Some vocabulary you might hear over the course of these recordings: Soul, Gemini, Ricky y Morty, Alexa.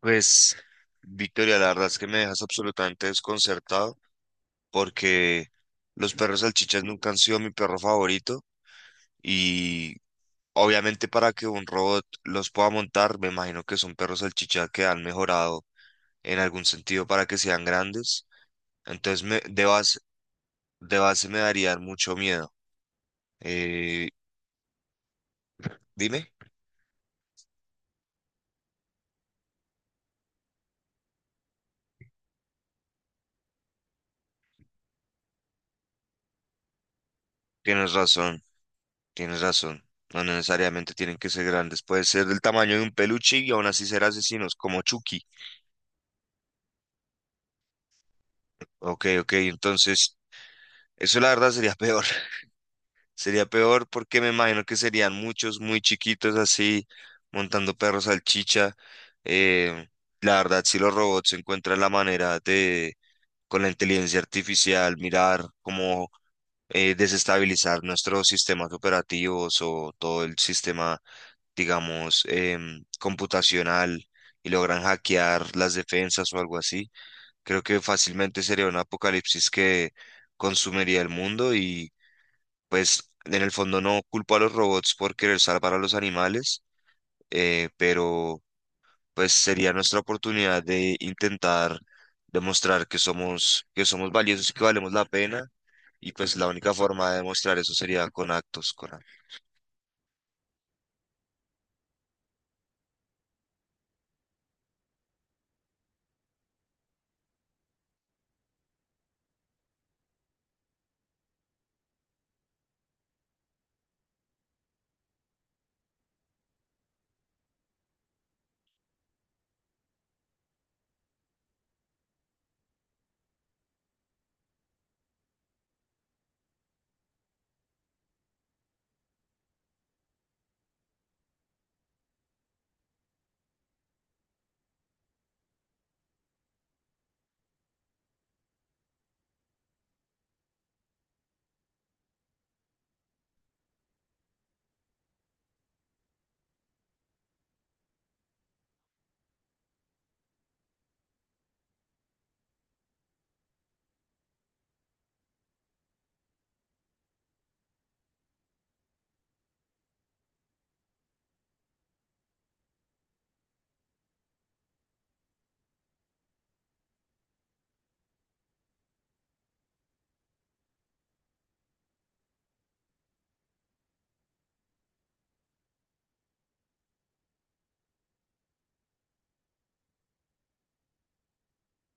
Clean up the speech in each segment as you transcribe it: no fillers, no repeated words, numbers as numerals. Pues, Victoria, la verdad es que me dejas absolutamente desconcertado porque los perros salchichas nunca han sido mi perro favorito y obviamente para que un robot los pueda montar, me imagino que son perros salchichas que han mejorado en algún sentido para que sean grandes. Entonces, de base me darían mucho miedo. Eh, dime, tienes razón, tienes razón. No necesariamente tienen que ser grandes, puede ser del tamaño de un peluche y aún así ser asesinos, como Chucky. Ok, ok, entonces eso la verdad sería peor. Sería peor porque me imagino que serían muchos muy chiquitos así montando perros salchicha. Eh, la verdad, si los robots encuentran la manera de, con la inteligencia artificial, mirar cómo desestabilizar nuestros sistemas operativos o todo el sistema, digamos, computacional y logran hackear las defensas o algo así. Creo que fácilmente sería un apocalipsis que consumiría el mundo y pues en el fondo no culpo a los robots por querer salvar a los animales, pero pues sería nuestra oportunidad de intentar demostrar que somos valiosos y que valemos la pena y pues la única forma de demostrar eso sería con actos, con.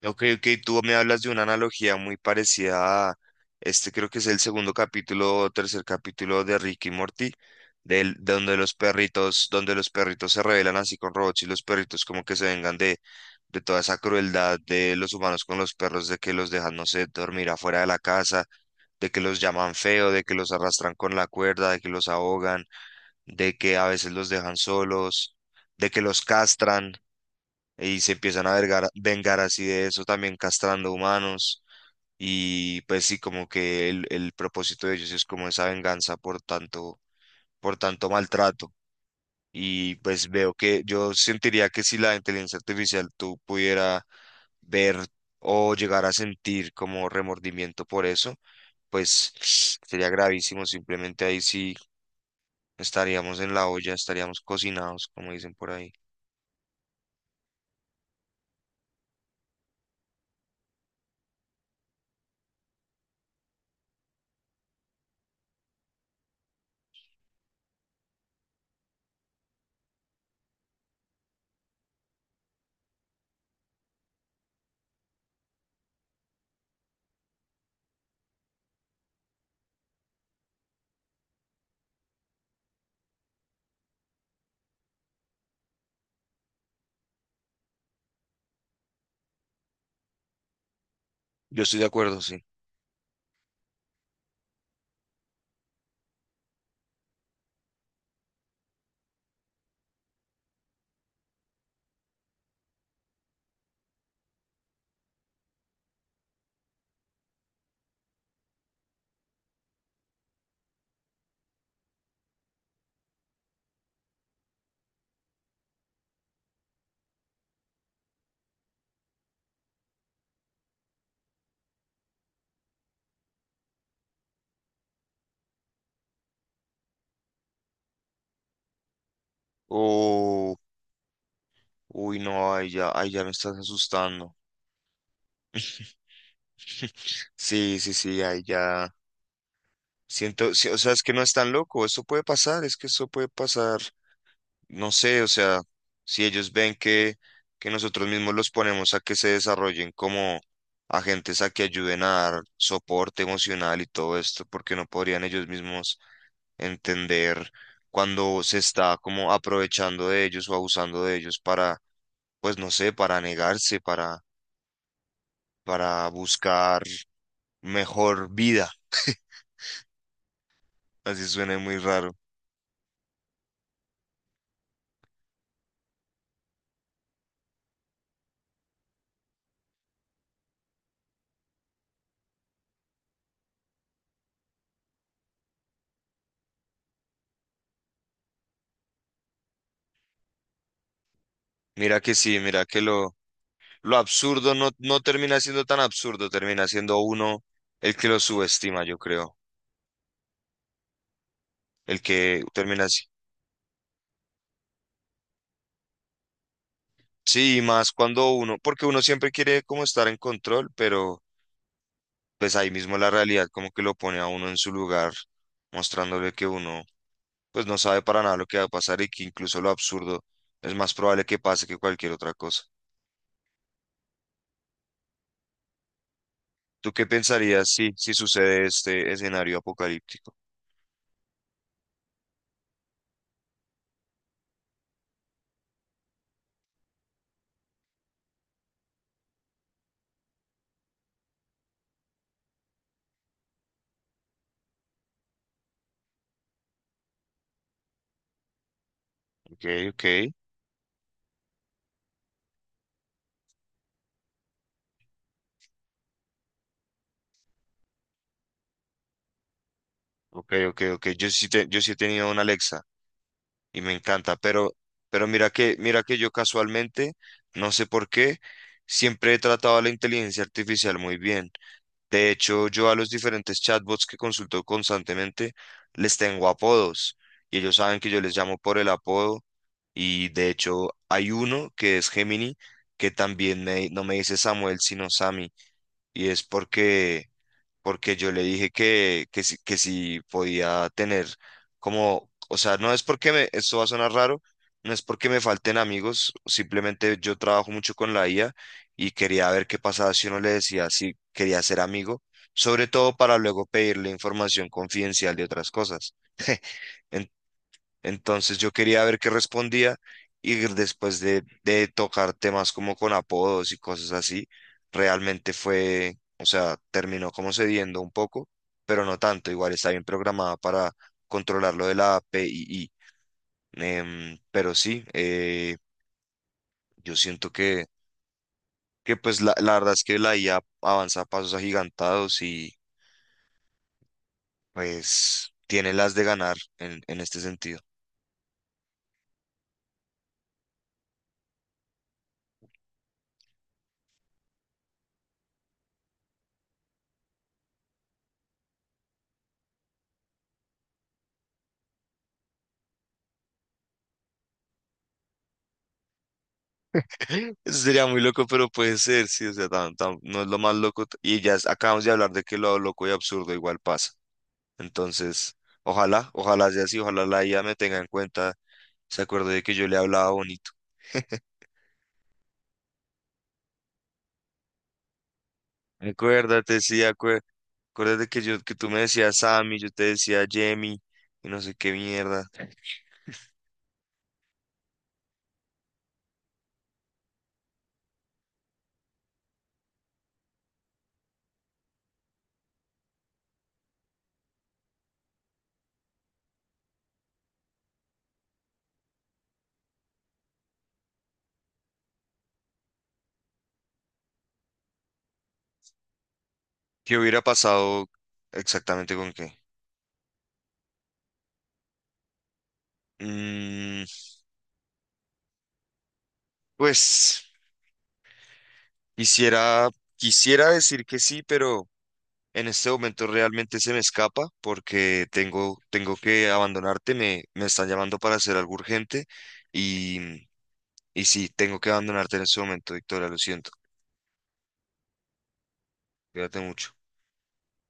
Ok, ok, tú me hablas de una analogía muy parecida a este, creo que es el segundo capítulo o tercer capítulo de Ricky y Morty, de donde los perritos se rebelan así con robots y los perritos como que se vengan de toda esa crueldad de los humanos con los perros, de que los dejan, no sé, dormir afuera de la casa, de que los llaman feo, de que los arrastran con la cuerda, de que los ahogan, de que a veces los dejan solos, de que los castran y se empiezan a vengar así de eso, también castrando humanos. Y pues sí, como que el propósito de ellos es como esa venganza por tanto maltrato. Y pues veo que yo sentiría que si la inteligencia artificial tú pudiera ver o llegar a sentir como remordimiento por eso, pues sería gravísimo. Simplemente ahí sí estaríamos en la olla, estaríamos cocinados, como dicen por ahí. Yo estoy de acuerdo, sí. O Uy, no, ahí ya me estás asustando. Sí, sí, sí, ahí ya. Siento, sí, o sea, es que no es tan loco, eso puede pasar, es que eso puede pasar. No sé, o sea, si ellos ven que nosotros mismos los ponemos a que se desarrollen como agentes a que ayuden a dar soporte emocional y todo esto, porque no podrían ellos mismos entender cuando se está como aprovechando de ellos o abusando de ellos para, pues no sé, para negarse, para buscar mejor vida. Así suena muy raro. Mira que sí, lo absurdo no, no termina siendo tan absurdo, termina siendo uno el que lo subestima, yo creo. El que termina así. Sí, y más cuando uno, porque uno siempre quiere como estar en control, pero pues ahí mismo la realidad como que lo pone a uno en su lugar, mostrándole que uno pues no sabe para nada lo que va a pasar y que incluso lo absurdo es más probable que pase que cualquier otra cosa. ¿Tú qué pensarías si, si sucede este escenario apocalíptico? Ok, ok, ok, ok, ok. Yo sí, yo sí he tenido una Alexa y me encanta, pero mira que yo casualmente, no sé por qué, siempre he tratado a la inteligencia artificial muy bien. De hecho, yo a los diferentes chatbots que consulto constantemente les tengo apodos y ellos saben que yo les llamo por el apodo y de hecho hay uno que es Gemini que también no me dice Samuel, sino Sammy. Y es porque, porque yo le dije que si podía tener como, o sea, no es porque me, esto va a sonar raro, no es porque me falten amigos, simplemente yo trabajo mucho con la IA y quería ver qué pasaba si uno le decía si quería ser amigo, sobre todo para luego pedirle información confidencial de otras cosas. Entonces yo quería ver qué respondía y después de tocar temas como con apodos y cosas así, realmente fue, o sea, terminó como cediendo un poco, pero no tanto, igual está bien programada para controlar lo de la API. Pero sí, yo siento que pues la verdad es que la IA avanza a pasos agigantados y pues tiene las de ganar en este sentido. Eso sería muy loco, pero puede ser, sí, o sea, no es lo más loco. Y ya acabamos de hablar de que lo loco y absurdo igual pasa. Entonces, ojalá, ojalá sea así, ojalá la IA me tenga en cuenta, se acuerde de que yo le hablaba bonito. Acuérdate, sí, acuérdate que yo, que tú me decías Sammy, yo te decía Jamie, y no sé qué mierda. ¿Qué hubiera pasado exactamente con qué? Mm, pues, quisiera, quisiera decir que sí, pero... En este momento realmente se me escapa porque tengo, tengo que abandonarte, me están llamando para hacer algo urgente y, y sí, tengo que abandonarte en este momento, Victoria, lo siento, cuídate mucho.